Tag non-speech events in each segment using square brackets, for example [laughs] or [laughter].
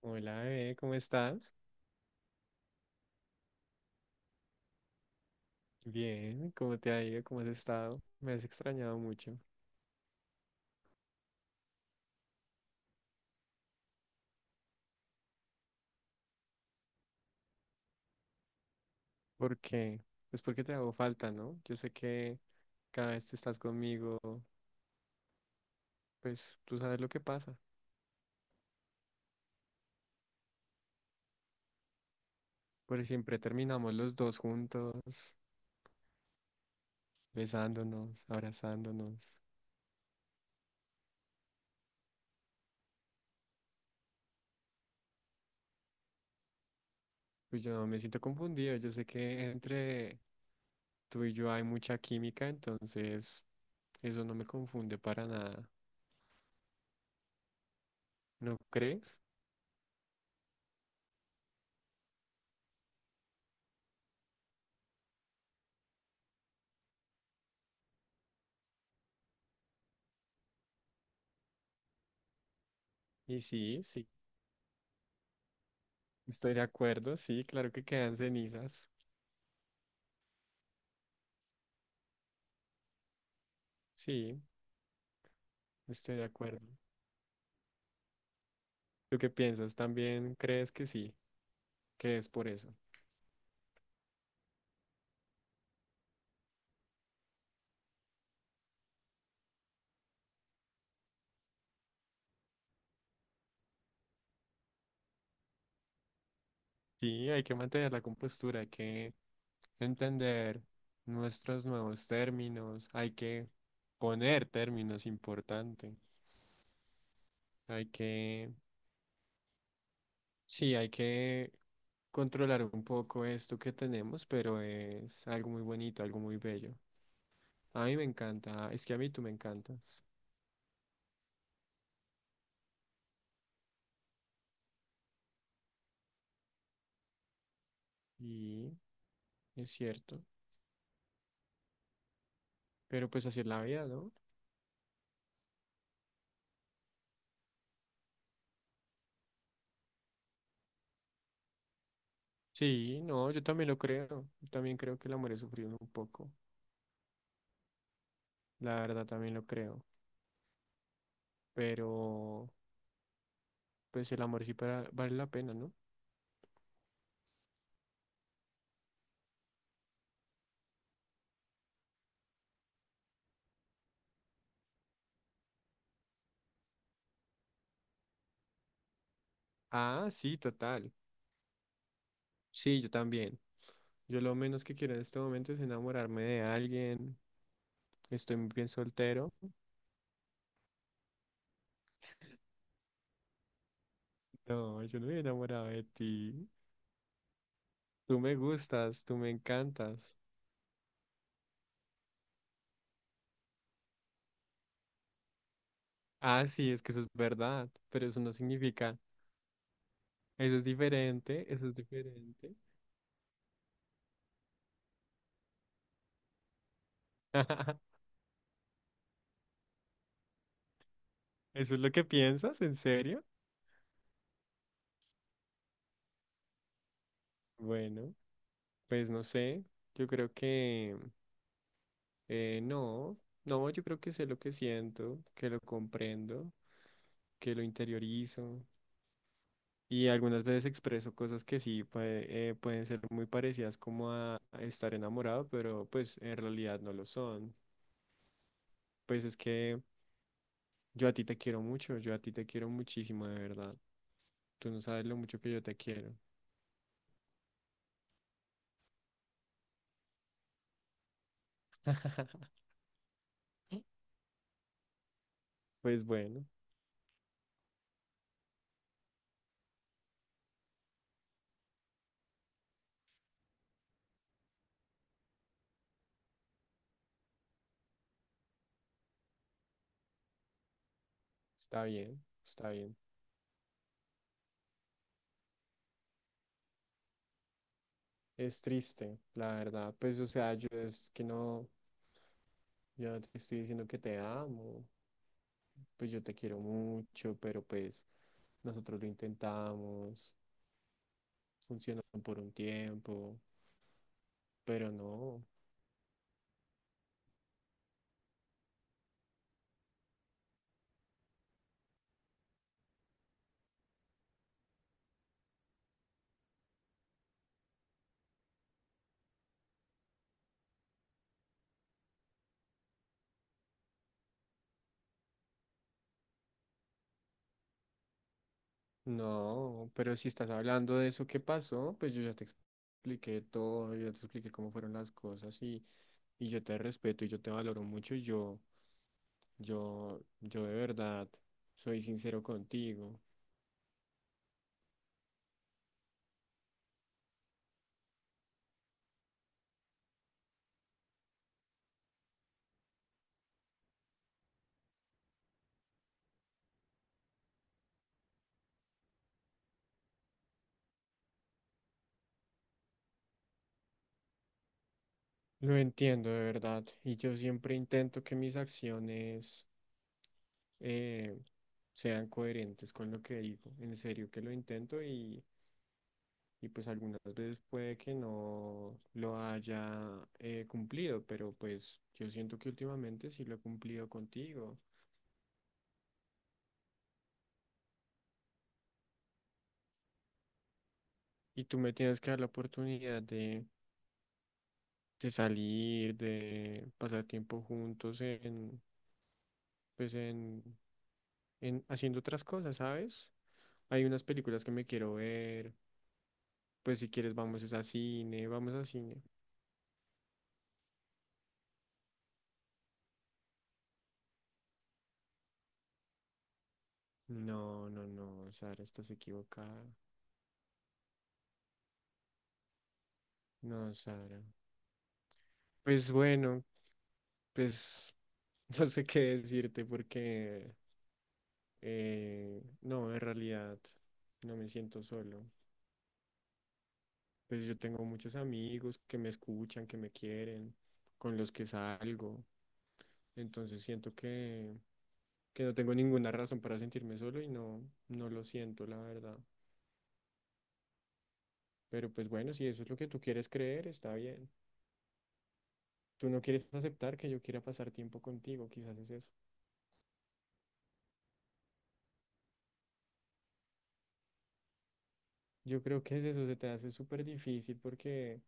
Hola, bebé, ¿cómo estás? Bien, ¿cómo te ha ido? ¿Cómo has estado? Me has extrañado mucho. ¿Por qué? Es porque te hago falta, ¿no? Yo sé que cada vez que estás conmigo, pues tú sabes lo que pasa. Porque siempre terminamos los dos juntos, besándonos, abrazándonos. Pues yo me siento confundido. Yo sé que entre tú y yo hay mucha química, entonces eso no me confunde para nada. ¿No crees? Y sí, sí, estoy de acuerdo, sí, claro que quedan cenizas. Sí, estoy de acuerdo. ¿Tú qué piensas? ¿También crees que sí? ¿Que es por eso? Sí, hay que mantener la compostura, hay que entender nuestros nuevos términos, hay que poner términos importantes, hay que, sí, hay que controlar un poco esto que tenemos, pero es algo muy bonito, algo muy bello. A mí me encanta, es que a mí tú me encantas, y es cierto, pero pues así es la vida, ¿no? Sí, no, yo también lo creo. Yo también creo que el amor es sufrir un poco. La verdad también lo creo. Pero, pues el amor vale la pena, ¿no? Ah, sí, total. Sí, yo también. Yo lo menos que quiero en este momento es enamorarme de alguien. Estoy muy bien soltero. No, yo no me he enamorado de ti. Tú me gustas, tú me encantas. Ah, sí, es que eso es verdad. Pero eso no significa. Eso es diferente, eso es diferente. [laughs] ¿Eso es lo que piensas? ¿En serio? Bueno. Pues no sé, yo creo que no, no, yo creo que sé lo que siento, que lo comprendo, que lo interiorizo y algunas veces expreso cosas que pueden ser muy parecidas como a estar enamorado, pero pues en realidad no lo son. Pues es que yo a ti te quiero mucho, yo a ti te quiero muchísimo, de verdad. Tú no sabes lo mucho que yo te quiero. [laughs] Pues bueno, está bien, está bien. Es triste, la verdad. Pues o sea, yo es que no. Ya te estoy diciendo que te amo, pues yo te quiero mucho, pero pues nosotros lo intentamos, funcionó por un tiempo, pero no, no, pero si estás hablando de eso que pasó, pues yo ya te expliqué todo, yo ya te expliqué cómo fueron las cosas y yo te respeto y yo te valoro mucho y yo de verdad soy sincero contigo. Lo entiendo de verdad y yo siempre intento que mis acciones eh, sean coherentes con lo que digo. En serio que lo intento y pues algunas veces puede que no lo haya cumplido, pero pues yo siento que últimamente sí lo he cumplido contigo. Y tú me tienes que dar la oportunidad de salir, de pasar tiempo juntos en, pues en haciendo otras cosas, ¿sabes? Hay unas películas que me quiero ver. Pues si quieres vamos es a cine, vamos a cine. No, no, no, Sara, estás equivocada. No, Sara. Pues bueno, pues [laughs] no sé qué decirte porque no, en realidad no me siento solo. Pues yo tengo muchos amigos que me escuchan, que me quieren, con los que salgo. Entonces siento que no tengo ninguna razón para sentirme solo y no, no lo siento, la verdad. Pero pues bueno, si eso es lo que tú quieres creer, está bien. Tú no quieres aceptar que yo quiera pasar tiempo contigo, quizás es eso. Yo creo que es eso, se te hace súper difícil porque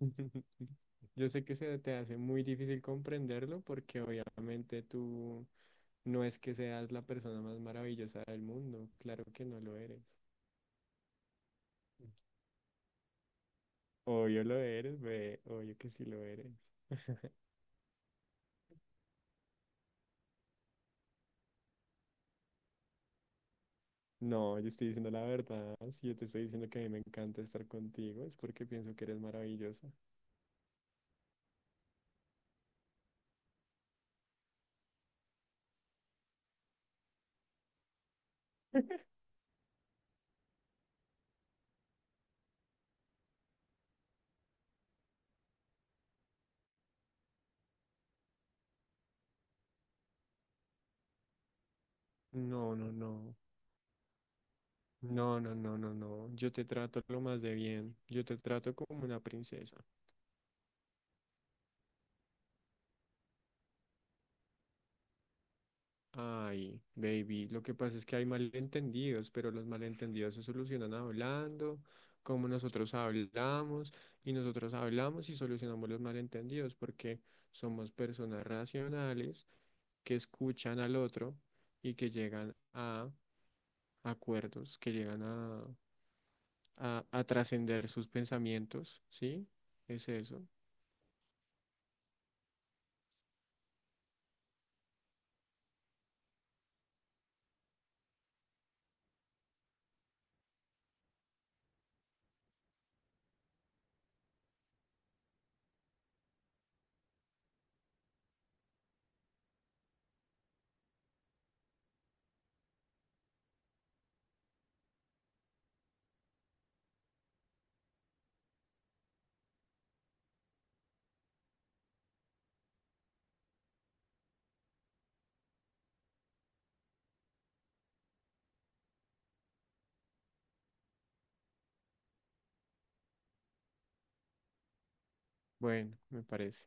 [laughs] yo sé que se te hace muy difícil comprenderlo porque obviamente tú no es que seas la persona más maravillosa del mundo, claro que no lo eres. Obvio lo eres, ve, obvio que sí lo eres. No, yo estoy diciendo la verdad, si yo te estoy diciendo que a mí me encanta estar contigo es porque pienso que eres maravillosa. No, no, no. No, no, no, no, no. Yo te trato lo más de bien. Yo te trato como una princesa. Ay, baby. Lo que pasa es que hay malentendidos, pero los malentendidos se solucionan hablando, como nosotros hablamos y solucionamos los malentendidos, porque somos personas racionales que escuchan al otro y que llegan a acuerdos, que llegan a, a, trascender sus pensamientos, ¿sí? Es eso. Bueno, me parece.